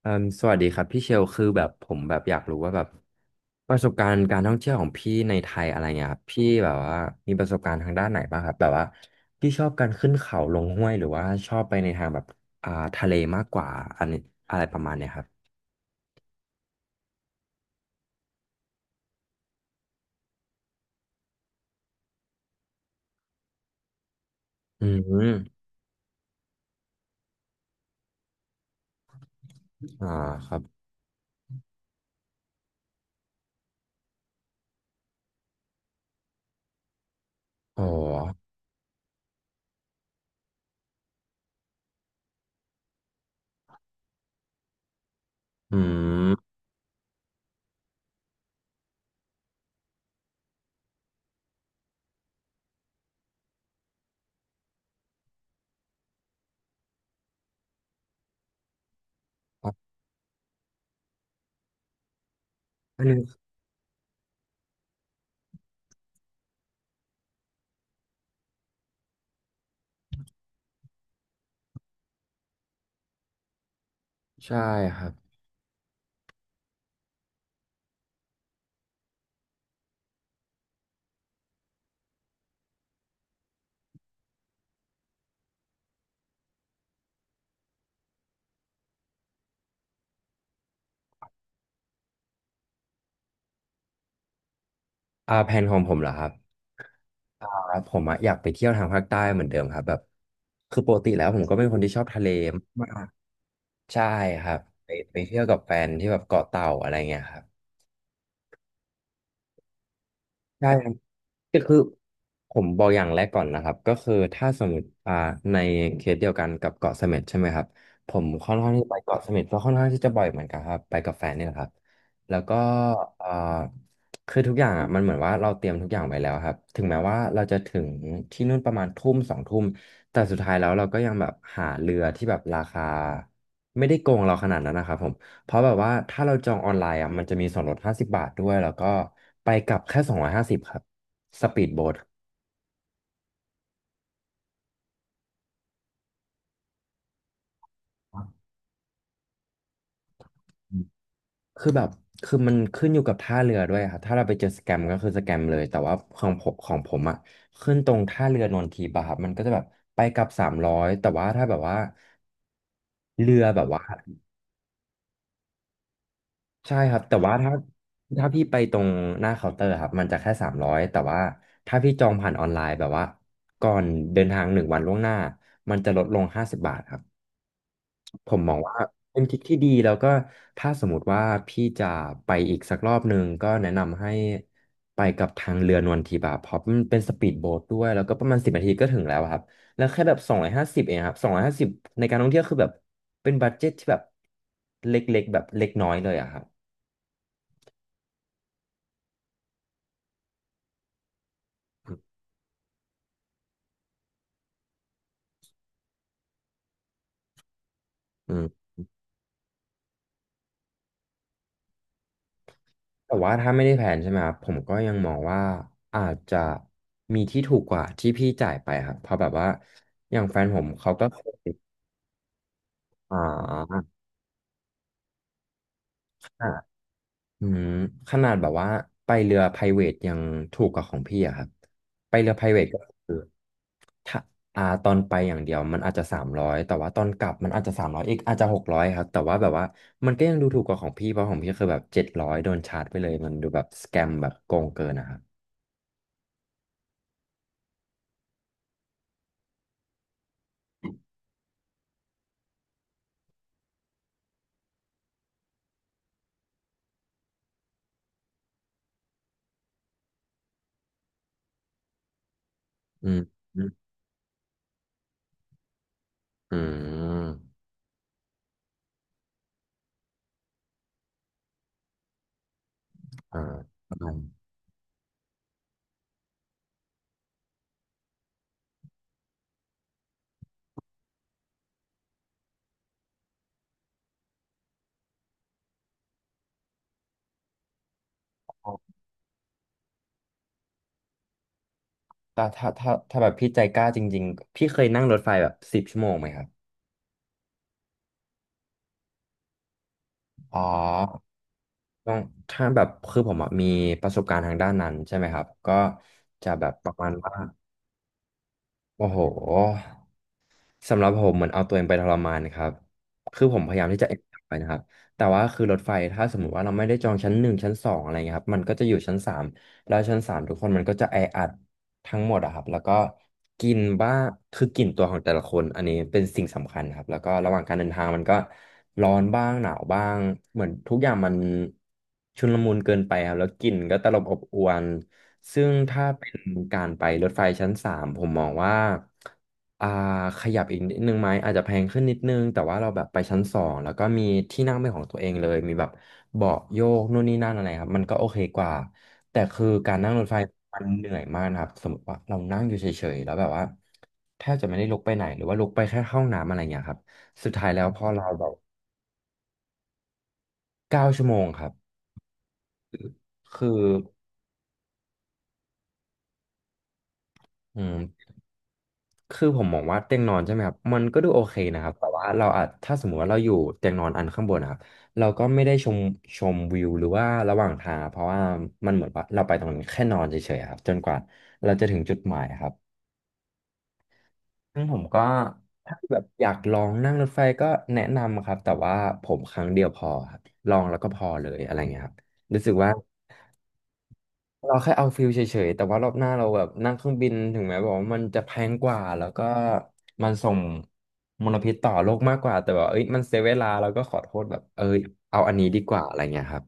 เอ่มสวัสดีครับพี่เชลคือแบบผมแบบอยากรู้ว่าแบบประสบการณ์การท่องเที่ยวของพี่ในไทยอะไรเงี้ยครับพี่แบบว่ามีประสบการณ์ทางด้านไหนบ้างครับแบบว่าพี่ชอบการขึ้นเขาลงห้วยหรือว่าชอบไปในทางแบบทะเลมากกว่าอันนี้อะไรประมาณเนี้ยครับอืมอ่าครับอ๋ออืมครับอันนี้ใช่ครับแผนของผมเหรอครับอ่าผมอะอยากไปเที่ยวทางภาคใต้เหมือนเดิมครับแบบคือปกติแล้วผมก็เป็นคนที่ชอบทะเล ใช่ครับไปไปเที่ยวกับแฟนที่แบบเกาะเต่าอะไรเงี้ยครับใช่ครับก็คือผมบอกอย่างแรกก่อนนะครับก็คือถ้าสมมติในเคสเดียวกันกับเกาะเสม็ดใช่ไหมครับผมค่อนข้างที่ไปเกาะเสม็ดก็ค่อนข้างที่จะบ่อยเหมือนกันครับไปกับแฟนเนี่ยแหละครับแล้วก็อ่าคือทุกอย่างอ่ะมันเหมือนว่าเราเตรียมทุกอย่างไว้แล้วครับถึงแม้ว่าเราจะถึงที่นู่นประมาณทุ่มสองทุ่มแต่สุดท้ายแล้วเราก็ยังแบบหาเรือที่แบบราคาไม่ได้โกงเราขนาดนั้นนะครับผม เพราะแบบว่าถ้าเราจองออนไลน์อ่ะมันจะมีส่วนลดห้าสิบบาทด้วยแล้วก็ไปกลับแค่สองร้อยห้าสิบครับสปีดโบ๊ทคือแบบคือมันขึ้นอยู่กับท่าเรือด้วยครับถ้าเราไปเจอสแกมก็คือสแกมเลยแต่ว่าของผมของผมอ่ะขึ้นตรงท่าเรือนนทีบะครับมันก็จะแบบไปกลับสามร้อยแต่ว่าถ้าแบบว่าเรือแบบว่าใช่ครับแต่ว่าถ้าพี่ไปตรงหน้าเคาน์เตอร์ครับมันจะแค่สามร้อยแต่ว่าถ้าพี่จองผ่านออนไลน์แบบว่าก่อนเดินทางหนึ่งวันล่วงหน้ามันจะลดลงห้าสิบบาทครับ ผมมองว่าเป็นทริคที่ดีแล้วก็ถ้าสมมติว่าพี่จะไปอีกสักรอบหนึ่งก็แนะนำให้ไปกับทางเรือนวลทิพย์อะเพราะมันเป็นสปีดโบ๊ทด้วยแล้วก็ประมาณ10 นาทีก็ถึงแล้วอะครับแล้วแค่แบบสองร้อยห้าสิบเองครับสองร้อยห้าสิบในการท่องเที่ยวคือแบบเป็นบัดเจ็ตที่แบบเล็กๆแบบเล็กน้อยเลยอะครับอืมแต่ว่าถ้าไม่ได้แผนใช่ไหมครับผมก็ยังมองว่าอาจจะมีที่ถูกกว่าที่พี่จ่ายไปครับเพราะแบบว่าอย่างแฟนผมเขาก็เคยอ่า อืมขนาดแบบว่าไปเรือ private ยังถูกกว่าของพี่อะครับไปเรือ private ก็คือถ้าตอนไปอย่างเดียวมันอาจจะสามร้อยแต่ว่าตอนกลับมันอาจจะสามร้อยอีกอาจจะ600ครับแต่ว่าแบบว่ามันก็ยังดูถูกกว่าของพี่เพราะของพี่คือแบบ700โดนชาร์จไปเลยมันดูแบบสแกมแบบโกงเกินนะครับอืมอืมอืมอ่าประมาณแต่ถ้าแบบพี่ใจกล้าจริงๆพี่เคยนั่งรถไฟแบบ10 ชั่วโมงไหมครับอ๋อ ต้องถ้าแบบคือผมอะมีประสบการณ์ทางด้านนั้นใช่ไหมครับก็จะแบบประมาณว่าโอ้โห สำหรับผมเหมือนเอาตัวเองไปทรมานครับ คือผมพยายามที่จะเอ็นไปนะครับแต่ว่าคือรถไฟถ้าสมมุติว่าเราไม่ได้จองชั้นหนึ่งชั้นสองอะไรเงี้ยครับ มันก็จะอยู่ชั้นสามแล้วชั้นสามทุกคนมันก็จะแออัดทั้งหมดอะครับ แล้วก็กลิ่นบ้างคือกลิ่นตัวของแต่ละคนอันนี้เป็นสิ่งสำคัญครับ แล้วก็ระหว่างการเดินทางมันก็ร้อนบ้างหนาวบ้างเหมือนทุกอย่างมันชุลมุนเกินไปครับแล้วกลิ่นก็ตลบอบอวนซึ่งถ้าเป็นการไปรถไฟชั้นสามผมมองว่า อ่าขยับอีกนิดนึงไหมอาจจะแพงขึ้นนิดนึงแต่ว่าเราแบบไปชั้นสองแล้วก็มีที่นั่งเป็นของตัวเองเลยมีแบบเบาะโยกนู่นนี่นั่นอะไรครับมันก็โอเคกว่าแต่คือการนั่งรถไฟมันเหนื่อยมากนะครับสมมติว่าเรานั่งอยู่เฉยๆแล้วแบบว่าแทบจะไม่ได้ลุกไปไหนหรือว่าลุกไปแค่เข้าห้องน้ำอะไรอย่างเงี้ยครับสุดท้ายแล้วพอเราแบบ9 ชั่วโมงครับคืออืม คือผมมองว่าเตียงนอนใช่ไหมครับมันก็ดูโอเคนะครับแต่ว่าเราอาจถ้าสมมติว่าเราอยู่เตียงนอนอันข้างบนนะครับเราก็ไม่ได้ชมวิวหรือว่าระหว่างทางเพราะว่ามันเหมือนว่าเราไปตรงนั้นแค่นอนเฉยๆครับจนกว่าเราจะถึงจุดหมายครับซึ่งผมก็ถ้าแบบอยากลองนั่งรถไฟก็แนะนำครับแต่ว่าผมครั้งเดียวพอครับลองแล้วก็พอเลยอะไรเงี้ยครับรู้สึกว่า เราแค่เอาฟิลเฉยๆ แต่ว่ารอบหน้าเราแบบนั่งเครื่องบินถึงแม้บอกว่ามันจะแพงกว่าแล้วก็มันส่งมลพิษต่อโลกมากกว่าแต่แบบเอ้ยมันเสียเวลาเราก็ขอโทษแบบเอ้ยเอาอันนี้ดีกว่าอะไรเงี้ยครับ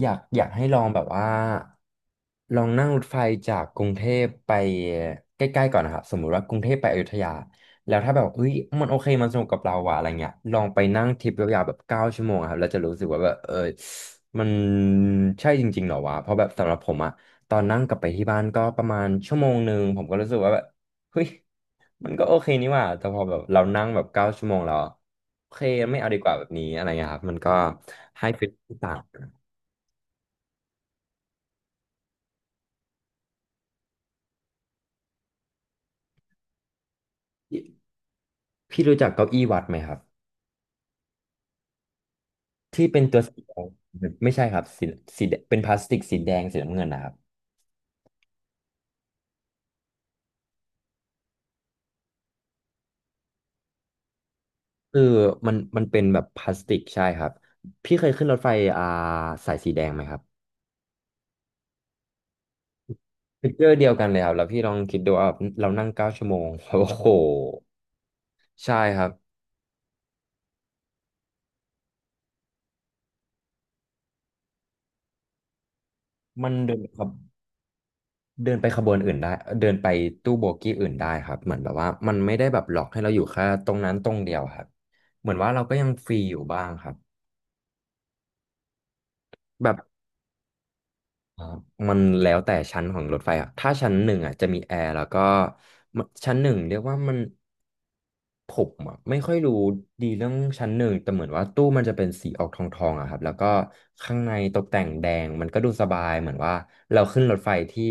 อยากให้ลองแบบว่าลองนั่งรถไฟจากกรุงเทพไปใกล้ๆก่อนนะครับสมมุติว่ากรุงเทพไปอยุธยาแล้วถ้าแบบเฮ้ยมันโอเคมันสนุกกับเราว่ะอะไรเงี้ยลองไปนั่งทริปยาวๆแบบเก้าชั่วโมงอะครับแล้วจะรู้สึกว่าแบบเออมันใช่จริงๆเหรอวะเพราะแบบสำหรับผมอะตอนนั่งกลับไปที่บ้านก็ประมาณ1 ชั่วโมงผมก็รู้สึกว่าแบบเฮ้ยมันก็โอเคนี่หว่าแต่พอแบบเรานั่งแบบเก้าชั่วโมงแล้วโอเคไม่เอาดีกว่าแบบนี้อะไรเงี้ยครับมันก็ให้ฟีลต่าง พี่รู้จักเก้าอี้วัดไหมครับที่เป็นตัวสีแดงไม่ใช่ครับสีแดงเป็นพลาสติกสีแดงสีน้ำเงินนะครับคือมันเป็นแบบพลาสติกใช่ครับพี่เคยขึ้นรถไฟอ่าสายสีแดงไหมครับฟีเจอร์เดียวกันเลยครับแล้วพี่ลองคิดดูว่าเรานั่งเก้าชั่วโมง โอ้โหใช่ครับมันเดินครับเดินไปขบวนอื่นได้เดินไปตู้โบกี้อื่นได้ครับเหมือนแบบว่ามันไม่ได้แบบหลอกให้เราอยู่แค่ตรงนั้นตรงเดียวครับเหมือนว่าเราก็ยังฟรีอยู่บ้างครับแบบ อ่ามันแล้วแต่ชั้นของรถไฟอ่ะถ้าชั้นหนึ่งอ่ะจะมีแอร์แล้วก็มันชั้นหนึ่งเรียกว่ามันผมอ่ะไม่ค่อยรู้ดีเรื่องชั้นหนึ่งแต่เหมือนว่าตู้มันจะเป็นสีออกทองอะครับแล้วก็ข้างในตกแต่งแดงมันก็ดูสบายเหมือนว่าเราขึ้นรถไฟที่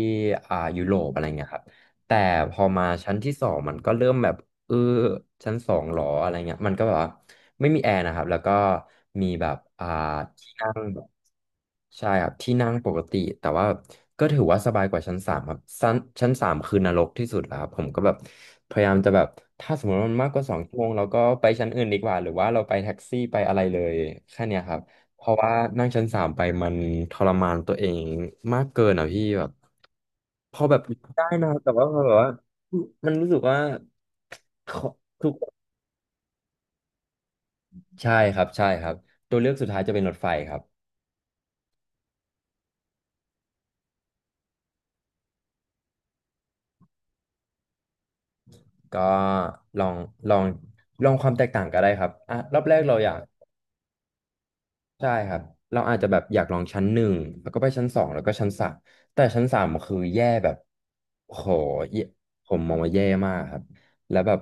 ยุโรปอะไรเงี้ยครับแต่พอมาชั้นที่สองมันก็เริ่มแบบเออชั้นสองหรออะไรเงี้ยมันก็แบบว่าไม่มีแอร์นะครับแล้วก็มีแบบที่นั่ง ใช่ครับที่นั่งปกติแต่ว่าก็ถือว่าสบายกว่าชั้นสามครับชั้นสามคือนรกที่สุดแล้วครับผมก็แบบพยายามจะแบบถ้าสมมติว่ามันมากกว่า2 ชั่วโมงเราก็ไปชั้นอื่นดีกว่าหรือว่าเราไปแท็กซี่ไปอะไรเลยแค่เนี้ยครับเพราะว่านั่งชั้นสามไปมันทรมานตัวเองมากเกินอ่ะพี่แบบพอแบบได้นะแต่ว่าพอแบบว่ามันรู้สึกว่าขอทุกใช่ครับใช่ครับตัวเลือกสุดท้ายจะเป็นรถไฟครับ ก็ลองลองลองความแตกต่างก็ได้ครับอ่ะรอบแรกเราอยากใช่ครับเราอาจจะแบบอยากลองชั้นหนึ่งแล้วก็ไปชั้นสองแล้วก็ชั้นสามแต่ชั้นสามคือแย่แบบโหแย่ผมมองว่าแย่มากครับแล้วแบบ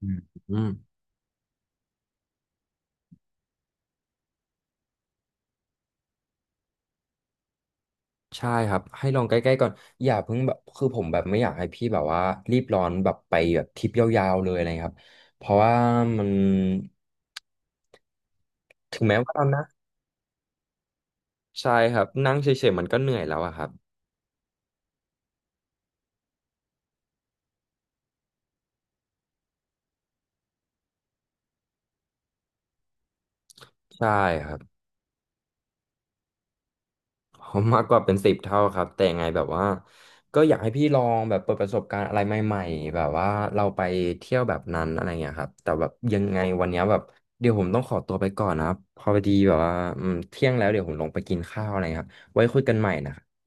อืมอืมใช่ครับให้ลองใกล้ๆก่อนอย่าเพิ่งแบบคือผมแบบไม่อยากให้พี่แบบว่ารีบร้อนแบบไปแบบทริปยาวๆเลยอะไรครับเพราะว่ามันถึงแม้ว่าเรานะใช่ครับนั่งเฉยๆมันก็เหนื่อยแล้วอะครับใช่ครับ ผมมากกว่าเป็น10 เท่าครับแต่ยังไงแบบว่าก็อยากให้พี่ลองแบบเปิดประสบการณ์อะไรใหม่ๆแบบว่าเราไปเที่ยวแบบนั้นอะไรเงี้ยครับแต่แบบยังไงวันเนี้ยแบบเดี๋ยวผมต้องขอตัวไปก่อนนะครับพอดีแบบว่าอืมเที่ยงแล้วเดี๋ยวผมลงไปกินข้าวอะไรครับไว้คุยกันใหม่นะครับ